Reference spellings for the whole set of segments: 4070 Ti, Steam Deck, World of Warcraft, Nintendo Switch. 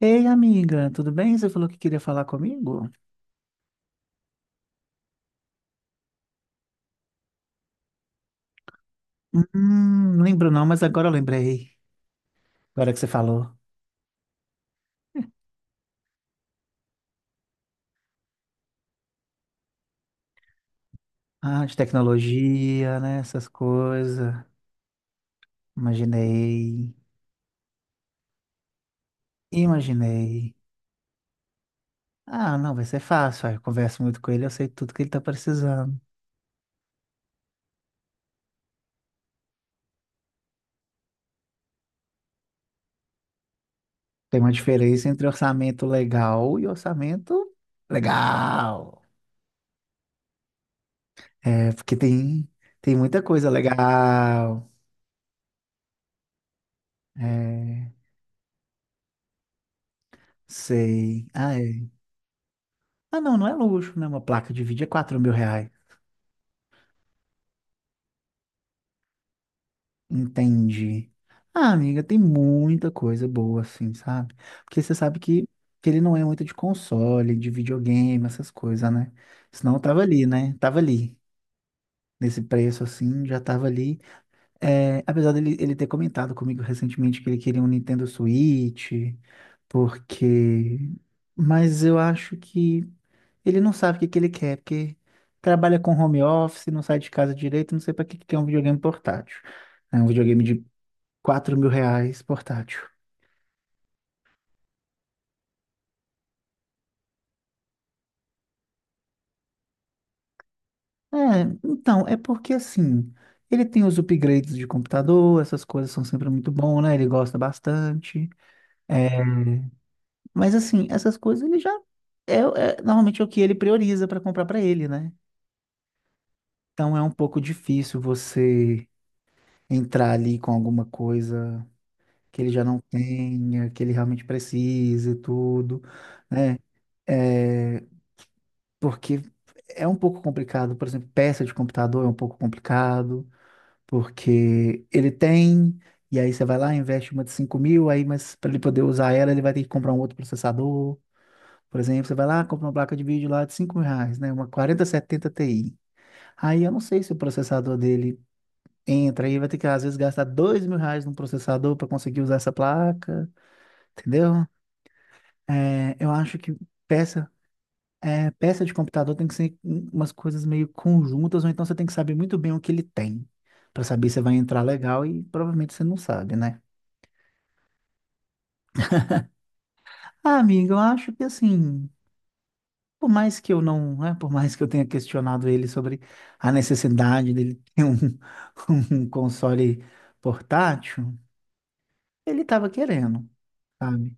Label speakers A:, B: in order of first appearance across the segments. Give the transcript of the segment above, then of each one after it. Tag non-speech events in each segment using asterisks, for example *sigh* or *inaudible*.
A: Ei, amiga, tudo bem? Você falou que queria falar comigo? Não lembro não, mas agora eu lembrei. Agora que você falou. Ah, de tecnologia, né? Essas coisas. Imaginei. Imaginei. Ah, não, vai ser fácil. Ah, eu converso muito com ele, eu sei tudo que ele tá precisando. Tem uma diferença entre orçamento legal e orçamento legal. É, porque tem, tem muita coisa legal. É, sei. Ah, é. Ah, não, não é luxo, né? Uma placa de vídeo é 4 mil reais. Entendi. Ah, amiga, tem muita coisa boa, assim, sabe? Porque você sabe que ele não é muito de console, de videogame, essas coisas, né? Senão eu tava ali, né? Tava ali. Nesse preço, assim, já tava ali. É, apesar dele ele ter comentado comigo recentemente que ele queria um Nintendo Switch, porque... Mas eu acho que ele não sabe o que que ele quer, porque trabalha com home office, não sai de casa direito, não sei para que que é um videogame portátil. É um videogame de 4 mil reais portátil. É, então, é porque assim, ele tem os upgrades de computador, essas coisas são sempre muito bom, né? Ele gosta bastante. É, mas assim, essas coisas ele já é, é normalmente é o que ele prioriza para comprar para ele, né? Então é um pouco difícil você entrar ali com alguma coisa que ele já não tenha, que ele realmente precise e tudo, né? É, porque é um pouco complicado, por exemplo, peça de computador é um pouco complicado, porque ele tem, e aí você vai lá, investe uma de 5 mil, aí, mas para ele poder usar ela, ele vai ter que comprar um outro processador. Por exemplo, você vai lá, compra uma placa de vídeo lá de 5 mil reais, né? Uma 4070 Ti. Aí eu não sei se o processador dele entra aí, vai ter que às vezes gastar 2 mil reais num processador para conseguir usar essa placa, entendeu? É, eu acho que peça, é, peça de computador tem que ser umas coisas meio conjuntas, ou então você tem que saber muito bem o que ele tem, para saber se vai entrar legal e provavelmente você não sabe, né? Ah, amiga, eu acho que assim, por mais que eu não, né, por mais que eu tenha questionado ele sobre a necessidade dele ter um, *laughs* um console portátil, ele estava querendo, sabe?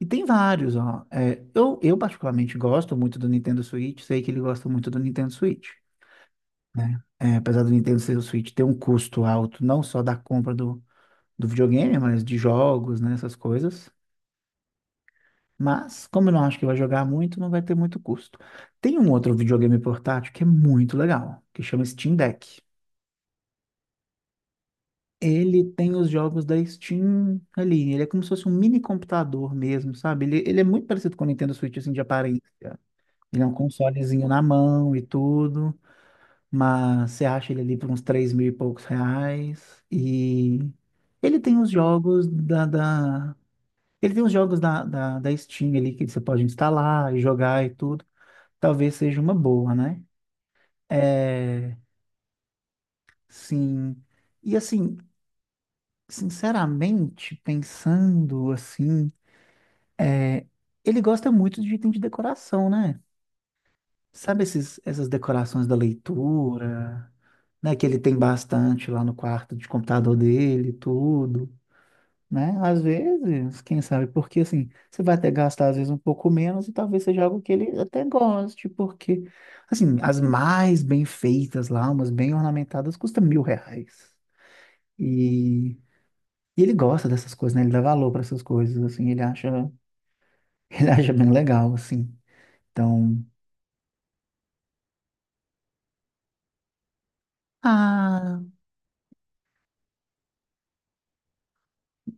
A: E tem vários, ó. É, eu particularmente gosto muito do Nintendo Switch, sei que ele gosta muito do Nintendo Switch. Né? É, apesar do Nintendo ser o Switch ter um custo alto, não só da compra do, do videogame, mas de jogos, né, essas coisas. Mas, como eu não acho que vai jogar muito, não vai ter muito custo. Tem um outro videogame portátil que é muito legal, que chama Steam Deck. Ele tem os jogos da Steam ali, ele é como se fosse um mini computador mesmo, sabe? Ele é muito parecido com o Nintendo Switch, assim, de aparência. Ele é um consolezinho na mão e tudo. Mas você acha ele ali por uns 3 mil e poucos reais. E ele tem os jogos da, da... Ele tem os jogos da Steam ali que você pode instalar e jogar e tudo. Talvez seja uma boa, né? É, sim. E assim, sinceramente, pensando assim, é, ele gosta muito de item de decoração, né? Sabe essas decorações da leitura, né? Que ele tem bastante lá no quarto de computador dele, e tudo. Né? Às vezes, quem sabe, porque assim, você vai até gastar às vezes um pouco menos e talvez seja algo que ele até goste, porque, assim, as mais bem feitas lá, umas bem ornamentadas, custa 1 mil reais. E, e ele gosta dessas coisas, né? Ele dá valor para essas coisas, assim, ele acha, *laughs* ele acha bem legal, assim. Então, ah,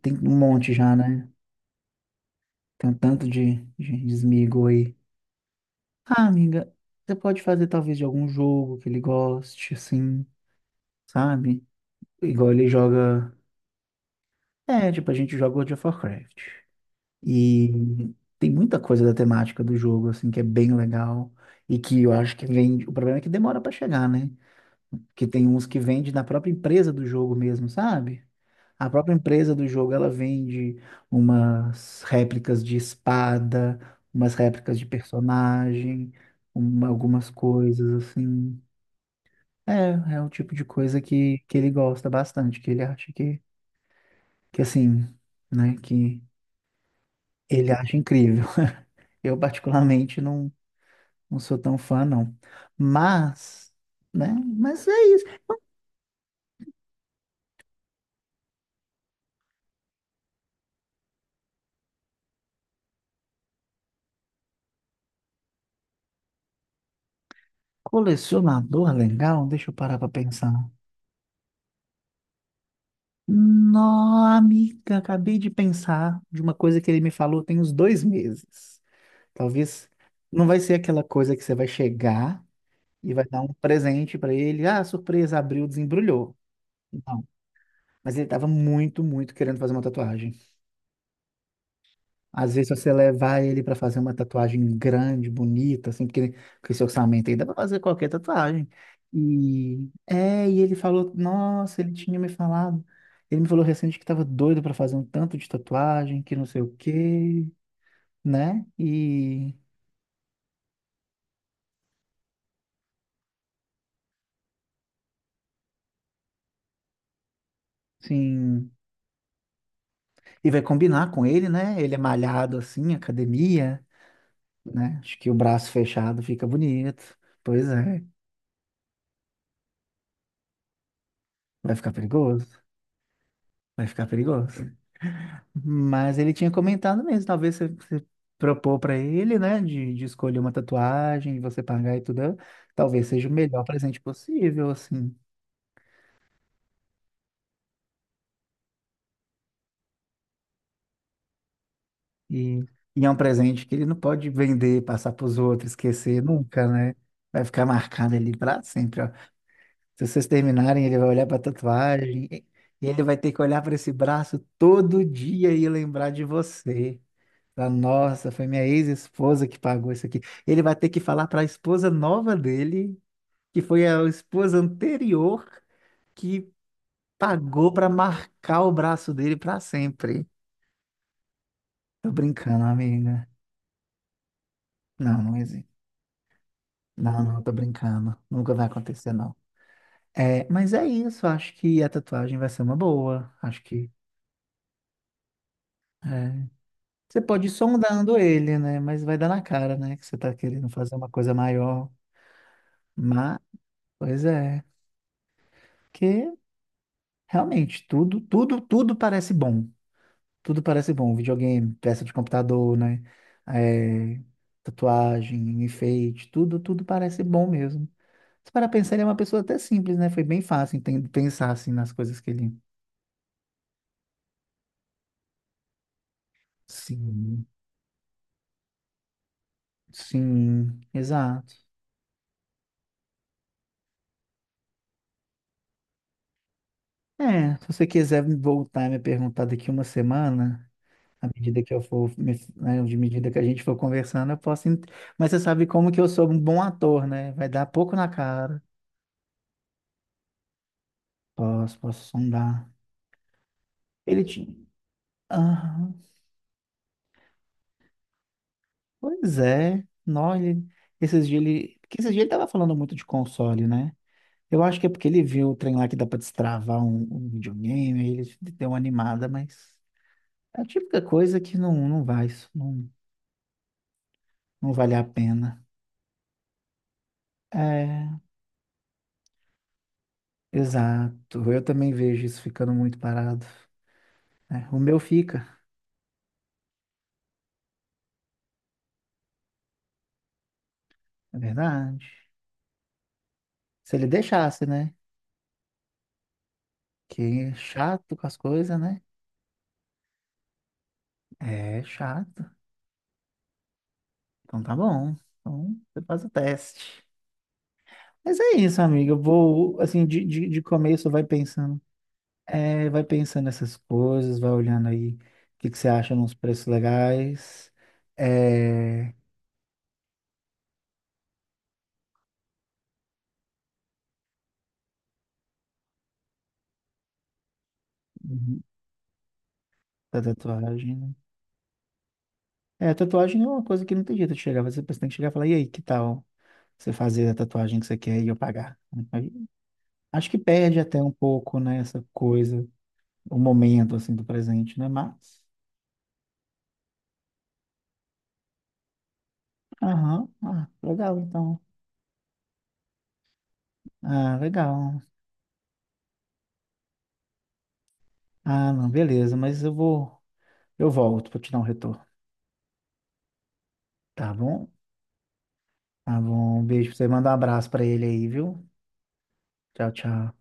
A: tem um monte já, né? Tem um tanto de esmigo aí. Ah, amiga, você pode fazer talvez de algum jogo que ele goste, assim, sabe? Igual ele joga. É, tipo, a gente joga World of Warcraft. E tem muita coisa da temática do jogo, assim, que é bem legal. E que eu acho que vende. O problema é que demora pra chegar, né? Que tem uns que vende na própria empresa do jogo mesmo, sabe? A própria empresa do jogo, ela vende umas réplicas de espada, umas réplicas de personagem, algumas coisas, assim. É, é o tipo de coisa que ele gosta bastante, que ele acha que assim, né, que ele acha incrível. Eu particularmente não, não sou tão fã, não. Mas, né, mas é isso. Colecionador legal, deixa eu parar pra pensar. Nó, amiga, acabei de pensar de uma coisa que ele me falou tem uns 2 meses. Talvez não vai ser aquela coisa que você vai chegar e vai dar um presente pra ele. Ah, surpresa, abriu, desembrulhou. Não. Mas ele tava muito, muito querendo fazer uma tatuagem. Às vezes, você levar ele para fazer uma tatuagem grande, bonita, assim, porque com esse orçamento aí dá para fazer qualquer tatuagem. E é, e ele falou, nossa, ele tinha me falado. Ele me falou recente que estava doido para fazer um tanto de tatuagem, que não sei o quê, né? E sim, e vai combinar com ele, né? Ele é malhado assim, academia, né? Acho que o braço fechado fica bonito. Pois é, vai ficar perigoso. Vai ficar perigoso. Mas ele tinha comentado mesmo, talvez você, você propor para ele, né, de escolher uma tatuagem, você pagar e tudo, talvez seja o melhor presente possível, assim. E, e é um presente que ele não pode vender, passar para os outros, esquecer nunca, né? Vai ficar marcado ali para sempre, ó. Se vocês terminarem, ele vai olhar para a tatuagem e ele vai ter que olhar para esse braço todo dia e lembrar de você. Falar, nossa, foi minha ex-esposa que pagou isso aqui. Ele vai ter que falar para a esposa nova dele que foi a esposa anterior que pagou para marcar o braço dele para sempre. Tô brincando, amiga. Não, não existe. Não, não, tô brincando. Nunca vai acontecer, não. É, mas é isso, acho que a tatuagem vai ser uma boa. Acho que é. Você pode ir sondando ele, né? Mas vai dar na cara, né? Que você tá querendo fazer uma coisa maior. Mas, pois é, porque realmente tudo, tudo, tudo parece bom. Tudo parece bom. Videogame, peça de computador, né? É, tatuagem, enfeite, tudo, tudo parece bom mesmo. Se para pensar, ele é uma pessoa até simples, né? Foi bem fácil pensar assim nas coisas que ele. Sim. Sim, exato. É, se você quiser me voltar a me perguntar daqui uma semana, à medida que eu for, né, de medida que a gente for conversando, eu posso. Mas você sabe como que eu sou um bom ator, né? Vai dar pouco na cara. Posso, posso sondar. Ele tinha. Pois é, nó, esses dias ele, porque esses dias ele tava falando muito de console, né? Eu acho que é porque ele viu o trem lá que dá pra destravar um, um videogame, aí ele deu uma animada, mas é a típica coisa que não, não vai, isso não, não vale a pena. É, exato. Eu também vejo isso ficando muito parado. É, o meu fica, é verdade. Se ele deixasse, né? Que é chato com as coisas, né? É chato. Então tá bom. Então você faz o teste. Mas é isso, amiga. Eu vou, assim, de começo, vai pensando. É, vai pensando nessas coisas, vai olhando aí o que, que você acha nos preços legais. É, uhum, da tatuagem. Né? É, tatuagem é uma coisa que não tem jeito de chegar. Você tem que chegar e falar, e aí, que tal você fazer a tatuagem que você quer e eu pagar? Aí, acho que perde até um pouco, né, essa coisa, o momento, assim, do presente, né? Mas, aham, ah, legal, então. Ah, legal. Ah, não, beleza, mas eu vou. Eu volto pra te dar um retorno. Tá bom? Tá bom. Um beijo pra você. Manda um abraço pra ele aí, viu? Tchau, tchau.